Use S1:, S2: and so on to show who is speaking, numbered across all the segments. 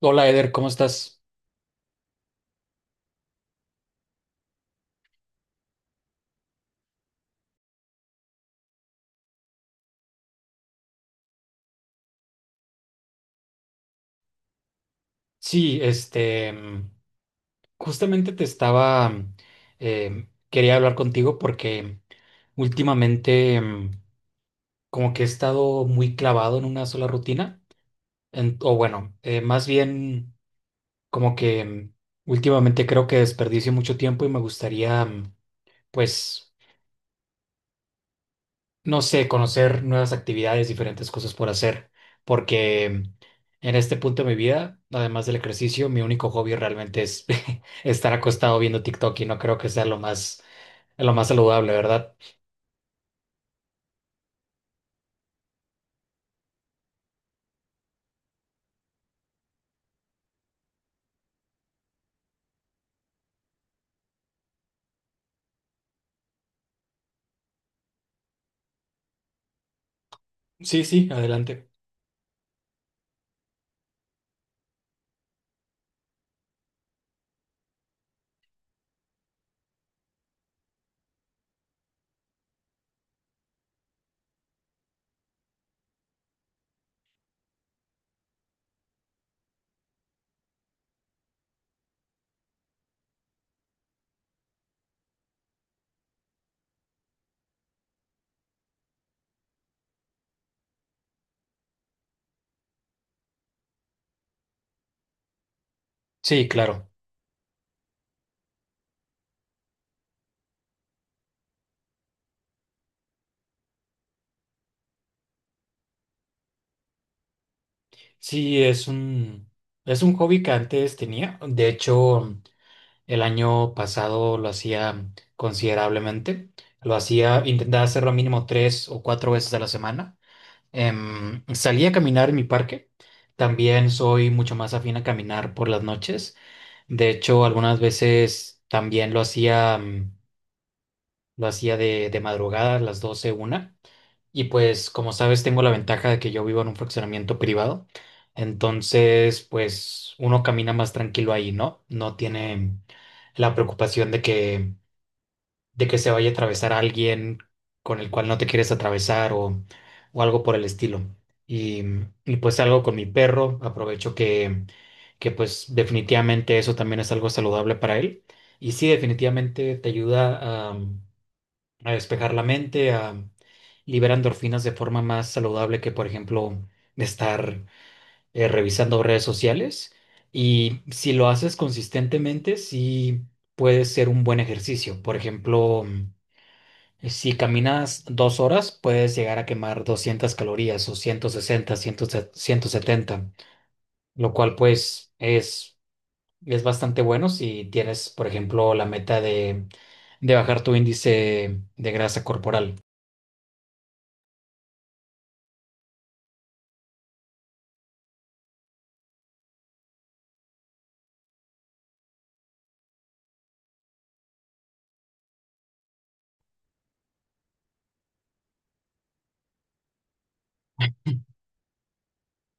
S1: Hola Eder, ¿cómo estás? Sí, este, justamente te estaba, quería hablar contigo porque últimamente como que he estado muy clavado en una sola rutina, más bien como que últimamente creo que desperdicio mucho tiempo y me gustaría, pues no sé, conocer nuevas actividades, diferentes cosas por hacer, porque en este punto de mi vida, además del ejercicio, mi único hobby realmente es estar acostado viendo TikTok y no creo que sea lo más saludable, ¿verdad? Sí, sí, adelante. Sí, claro. Sí, es un hobby que antes tenía. De hecho, el año pasado lo hacía considerablemente. Lo hacía, intentaba hacerlo mínimo tres o cuatro veces a la semana. Salí a caminar en mi parque. También soy mucho más afín a caminar por las noches. De hecho, algunas veces también lo hacía, lo hacía de madrugada, a las 12, una. Y pues, como sabes, tengo la ventaja de que yo vivo en un fraccionamiento privado. Entonces, pues uno camina más tranquilo ahí, ¿no? No tiene la preocupación de que se vaya a atravesar alguien con el cual no te quieres atravesar o algo por el estilo. Y, y pues algo con mi perro, aprovecho que pues definitivamente eso también es algo saludable para él. Y sí, definitivamente te ayuda a despejar la mente, a liberar endorfinas de forma más saludable que, por ejemplo, estar revisando redes sociales. Y si lo haces consistentemente, sí puede ser un buen ejercicio. Por ejemplo, si caminas 2 horas, puedes llegar a quemar 200 calorías o 160, 70, lo cual pues es bastante bueno si tienes, por ejemplo, la meta de bajar tu índice de grasa corporal.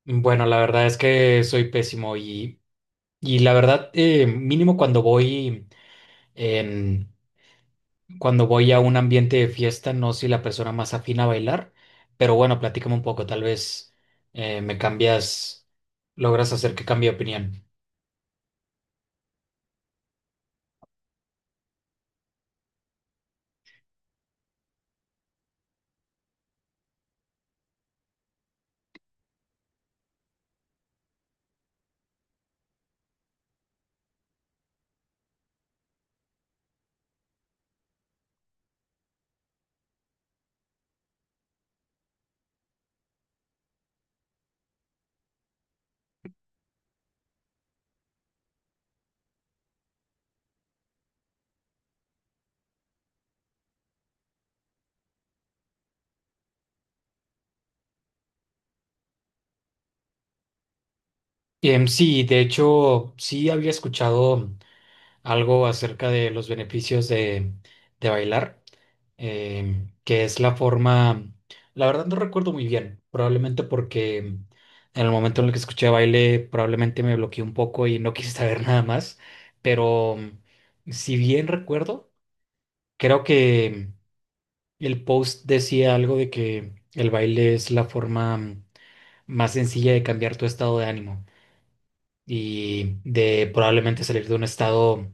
S1: Bueno, la verdad es que soy pésimo y la verdad, mínimo cuando voy en, cuando voy a un ambiente de fiesta, no soy la persona más afín a bailar, pero bueno, platícame un poco, tal vez me cambias, logras hacer que cambie de opinión. Sí, de hecho, sí había escuchado algo acerca de los beneficios de bailar, que es la forma, la verdad no recuerdo muy bien, probablemente porque en el momento en el que escuché baile, probablemente me bloqueé un poco y no quise saber nada más, pero si bien recuerdo, creo que el post decía algo de que el baile es la forma más sencilla de cambiar tu estado de ánimo y de probablemente salir de un estado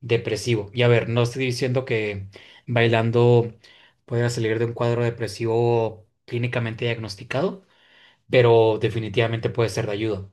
S1: depresivo. Y a ver, no estoy diciendo que bailando puedas salir de un cuadro depresivo clínicamente diagnosticado, pero definitivamente puede ser de ayuda.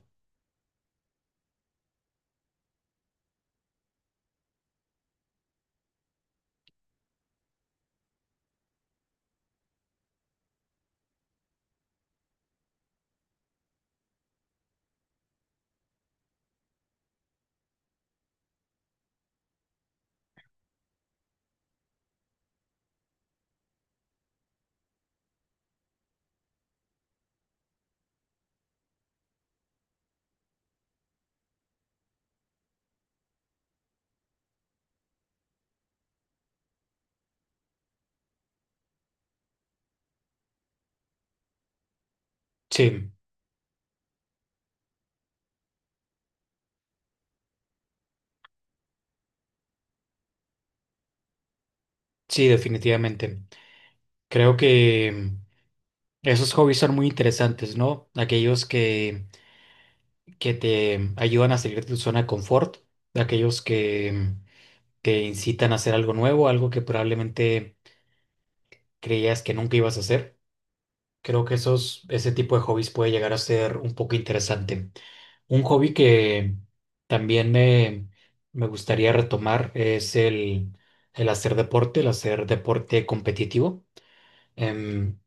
S1: Sí, sí, definitivamente. Creo que esos hobbies son muy interesantes, ¿no? Aquellos que te ayudan a salir de tu zona de confort, de aquellos que te incitan a hacer algo nuevo, algo que probablemente creías que nunca ibas a hacer. Creo que esos, ese tipo de hobbies puede llegar a ser un poco interesante. Un hobby que también me gustaría retomar es el hacer deporte competitivo. Em,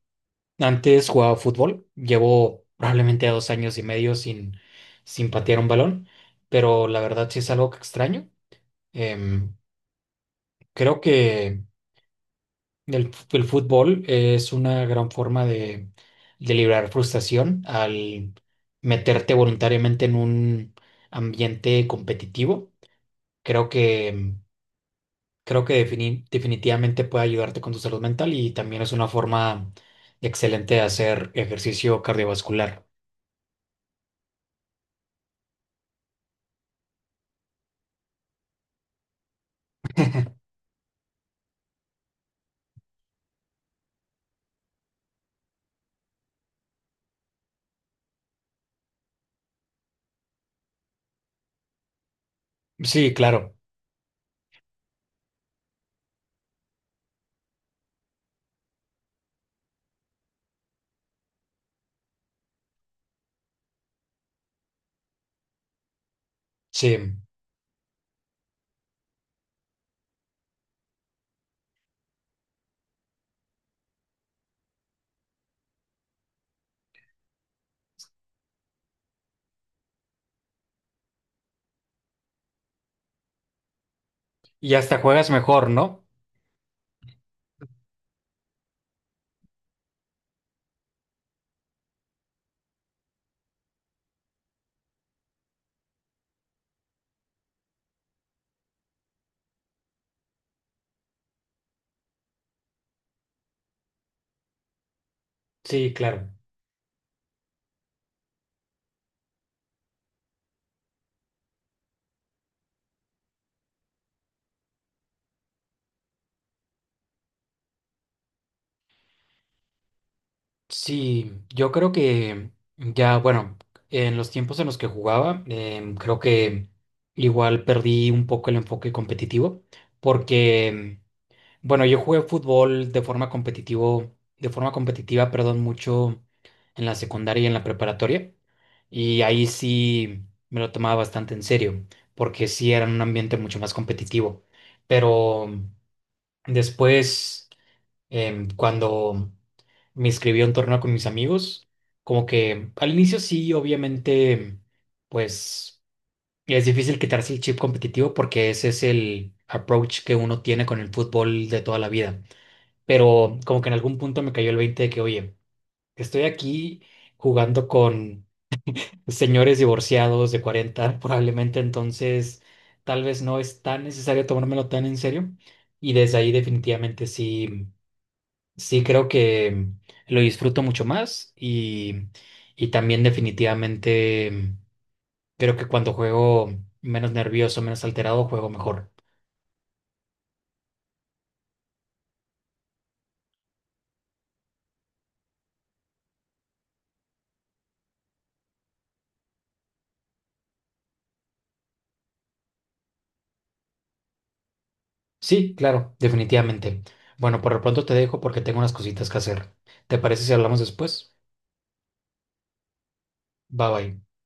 S1: Antes jugaba fútbol, llevo probablemente 2 años y medio sin, sin patear un balón, pero la verdad sí es algo que extraño. Em, Creo que el, el fútbol es una gran forma de liberar frustración al meterte voluntariamente en un ambiente competitivo. Creo que, creo que definitivamente puede ayudarte con tu salud mental y también es una forma excelente de hacer ejercicio cardiovascular. Sí, claro. Sí, y hasta juegas mejor, ¿no? Sí, claro. Sí, yo creo que ya, bueno, en los tiempos en los que jugaba, creo que igual perdí un poco el enfoque competitivo, porque, bueno, yo jugué fútbol de forma competitivo, de forma competitiva, perdón, mucho en la secundaria y en la preparatoria, y ahí sí me lo tomaba bastante en serio, porque sí era un ambiente mucho más competitivo, pero después... cuando me inscribí a un torneo con mis amigos, como que al inicio sí, obviamente, pues es difícil quitarse el chip competitivo porque ese es el approach que uno tiene con el fútbol de toda la vida. Pero como que en algún punto me cayó el 20 de que, oye, estoy aquí jugando con señores divorciados de 40 probablemente, entonces tal vez no es tan necesario tomármelo tan en serio. Y desde ahí definitivamente sí. Sí, creo que lo disfruto mucho más y también definitivamente creo que cuando juego menos nervioso, menos alterado, juego mejor. Sí, claro, definitivamente. Bueno, por lo pronto te dejo porque tengo unas cositas que hacer. ¿Te parece si hablamos después? Bye bye.